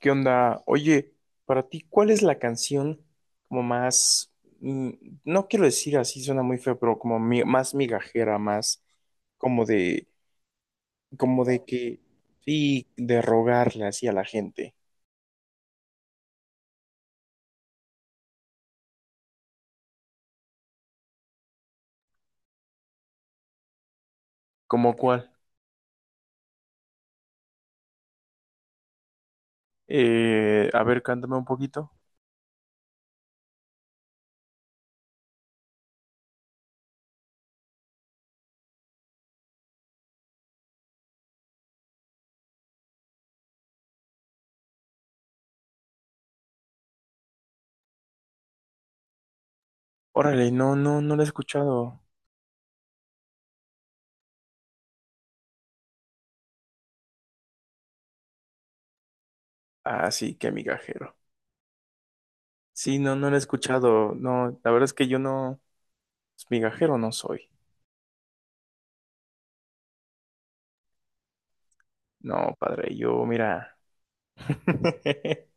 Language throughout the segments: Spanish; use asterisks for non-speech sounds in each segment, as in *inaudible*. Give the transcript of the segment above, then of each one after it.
¿Qué onda? Oye, para ti, ¿cuál es la canción como más, mm, no quiero decir así, suena muy feo, pero como más migajera, más como de, como de que, sí, de rogarle así a la gente? ¿Cómo cuál? A ver, cántame un poquito. Órale, no, no, no la he escuchado. Ah, sí, qué migajero. Sí, no, no la he escuchado. No, la verdad es que yo no, pues, migajero no soy. No, padre, yo, mira. *laughs*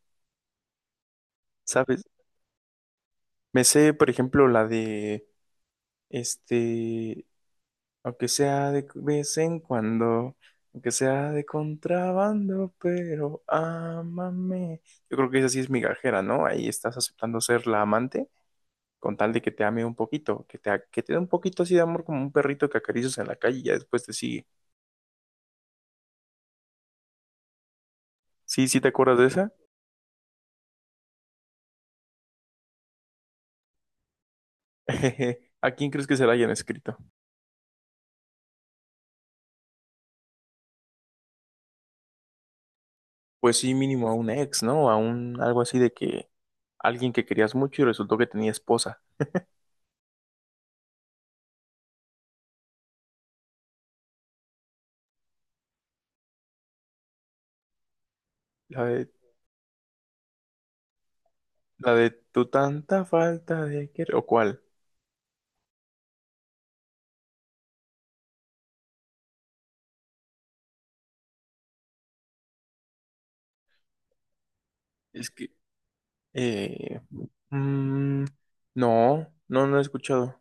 ¿Sabes? Me sé, por ejemplo, la de este, aunque sea de vez en cuando, aunque sea de contrabando, pero ámame. Yo creo que esa sí es migajera, ¿no? Ahí estás aceptando ser la amante con tal de que te ame un poquito, que que te dé un poquito así de amor como un perrito que acaricias en la calle y ya después te sigue. Sí, sí, ¿te acuerdas de esa? *laughs* ¿A quién crees que se la hayan escrito? Pues sí, mínimo a un ex, ¿no? A un algo así de que alguien que querías mucho y resultó que tenía esposa. La de la de tu tanta falta de querer. ¿O cuál? Es que Eh, mm, no, no, no he escuchado.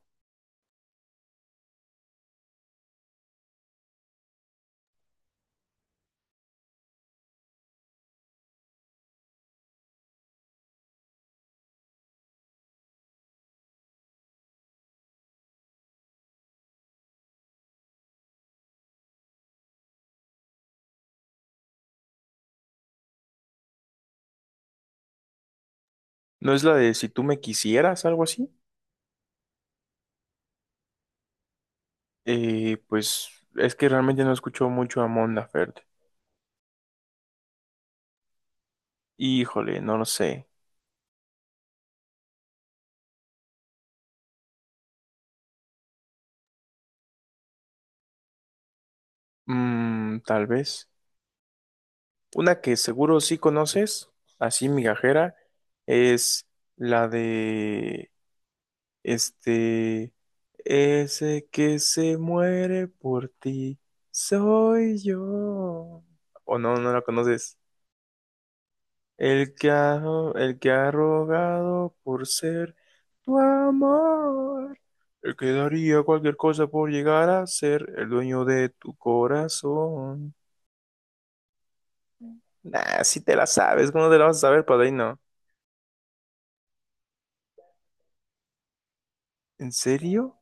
¿No es la de si tú me quisieras, algo así? Pues es que realmente no escucho mucho a Mon Laferte. Híjole, no lo sé. Mm, tal vez. Una que seguro sí conoces, así migajera, es la de Este, ese que se muere por ti, soy yo. O no, no la conoces. El que ha, el que ha rogado por ser tu amor. El que daría cualquier cosa por llegar a ser el dueño de tu corazón. Nah, si te la sabes, ¿cómo te la vas a saber, padrino? ¿En serio?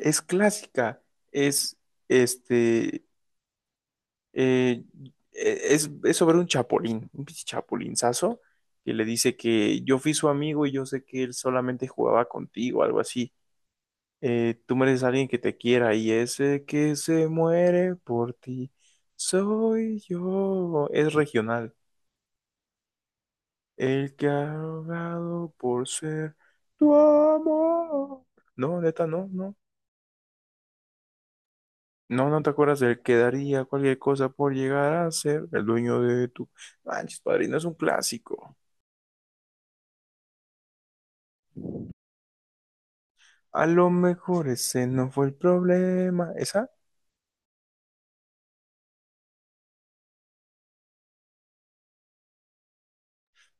Es clásica. Es, este, Eh, e, es sobre un chapulín, un pinche chapulinzazo, que le dice que yo fui su amigo y yo sé que él solamente jugaba contigo, algo así. Tú mereces a alguien que te quiera y ese que se muere por ti soy yo. Es regional. El que ha rogado por ser tu amor. No, neta, no, no. No, no te acuerdas del que daría cualquier cosa por llegar a ser el dueño de tu... Manches, padrino, es un clásico. A lo mejor ese no fue el problema. ¿Esa?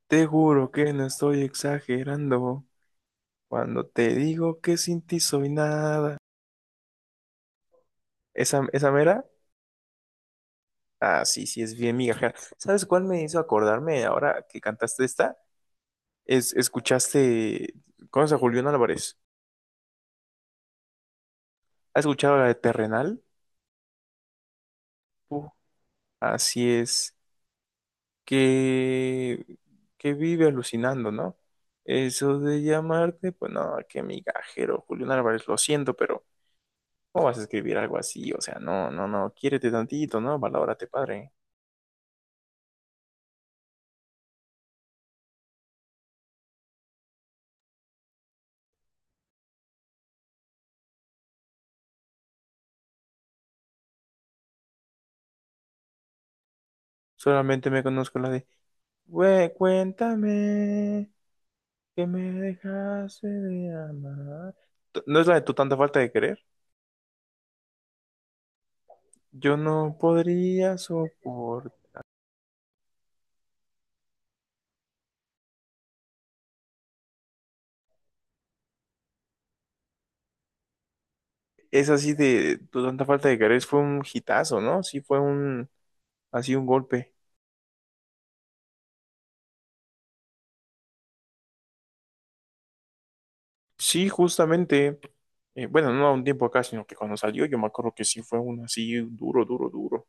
Te juro que no estoy exagerando cuando te digo que sin ti soy nada. ¿Esa, esa mera? Ah, sí, sí, es bien migajera. ¿Sabes cuál me hizo acordarme ahora que cantaste esta? ¿Escuchaste, conoces a Julián Álvarez? ¿Has escuchado la de Terrenal? Uh, así es. Que, que vive alucinando, ¿no? Eso de llamarte, pues no, qué migajero, Julián Álvarez, lo siento, pero ¿cómo vas a escribir algo así? O sea, no, no, no, quiérete tantito, ¿no? Valórate, padre. Solamente me conozco la de, güey, cuéntame que me dejaste de amar. ¿No es la de tu tanta falta de querer? Yo no podría soportar. Es así de tu tanta falta de querer fue un hitazo, ¿no? Sí, fue un, así un golpe. Sí, justamente, bueno, no a un tiempo acá, sino que cuando salió, yo me acuerdo que sí fue un así duro, duro, duro.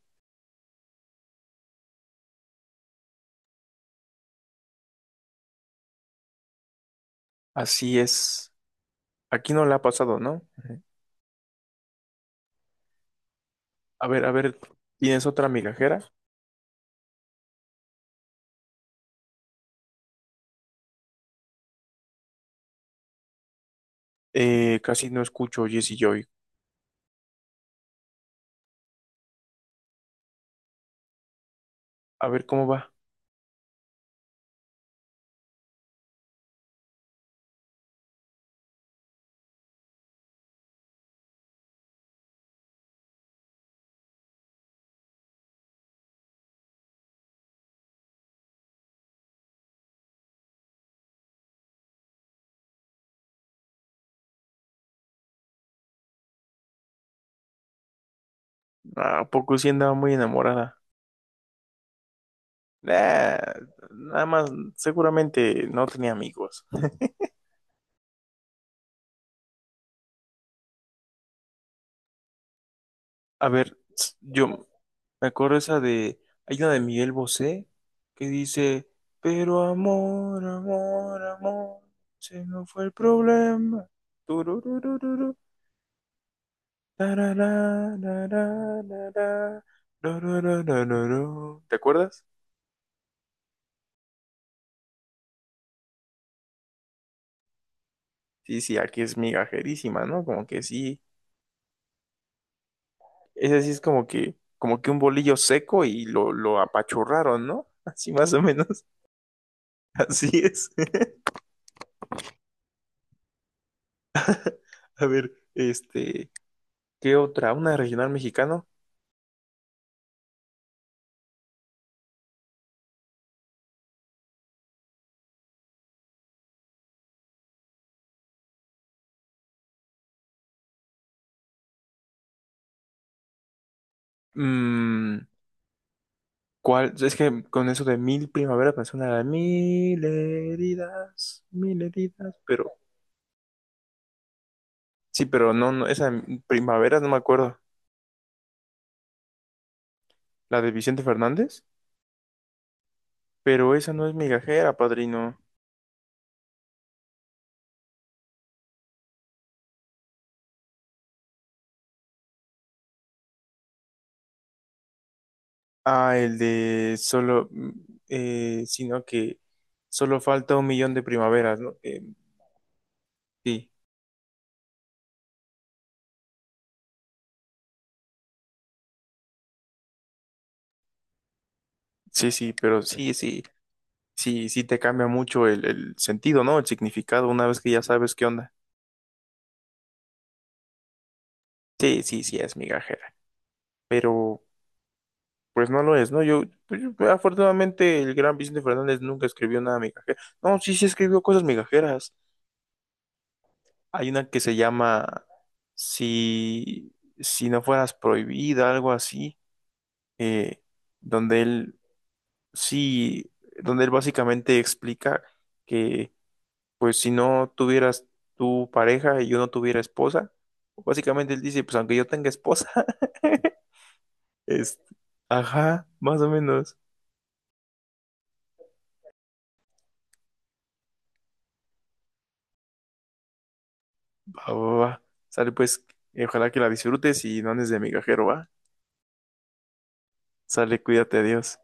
Así es. Aquí no le ha pasado, ¿no? A ver, ¿tienes otra migajera? Casi no escucho Jessie Joy. A ver cómo va. Ah, ¿a poco sí andaba muy enamorada? Nah, nada más, seguramente no tenía amigos. A ver, yo me acuerdo esa de. Hay una de Miguel Bosé que dice: pero amor, amor, amor, se no fue el problema. Turururururu, tarara, tarara, tarara, tarara, tarara. ¿Te acuerdas? Sí, sí, aquí es migajerísima, ¿no? Como que sí, ese sí es como que un bolillo seco y lo apachurraron, ¿no? *laughs* Así más o menos, *laughs* así es. *laughs* A ver, ¿qué otra? ¿Una regional mexicano? Mm, ¿Cuál? Es que con eso de mil primaveras me suena la mil heridas, pero sí, pero no, no, esa primavera no me acuerdo, la de Vicente Fernández, pero esa no es migajera, padrino. Ah, el de sino que solo falta un millón de primaveras, ¿no? Sí, sí, sí, pero sí, sí, sí, sí te cambia mucho el sentido, ¿no? El significado una vez que ya sabes qué onda. Sí, sí, sí, es migajera, pero pues no lo es, ¿no? Yo, pues, afortunadamente, el gran Vicente Fernández nunca escribió nada migajero. No, sí, sí escribió cosas migajeras. Hay una que se llama si, si no fueras prohibida, algo así. Eh, Donde él sí, donde él básicamente explica que, pues, si no tuvieras tu pareja y yo no tuviera esposa, básicamente él dice, pues, aunque yo tenga esposa, *laughs* es, ajá, más o menos, va, va, va, sale pues, y ojalá que la disfrutes y no andes de migajero, va, sale, cuídate, adiós.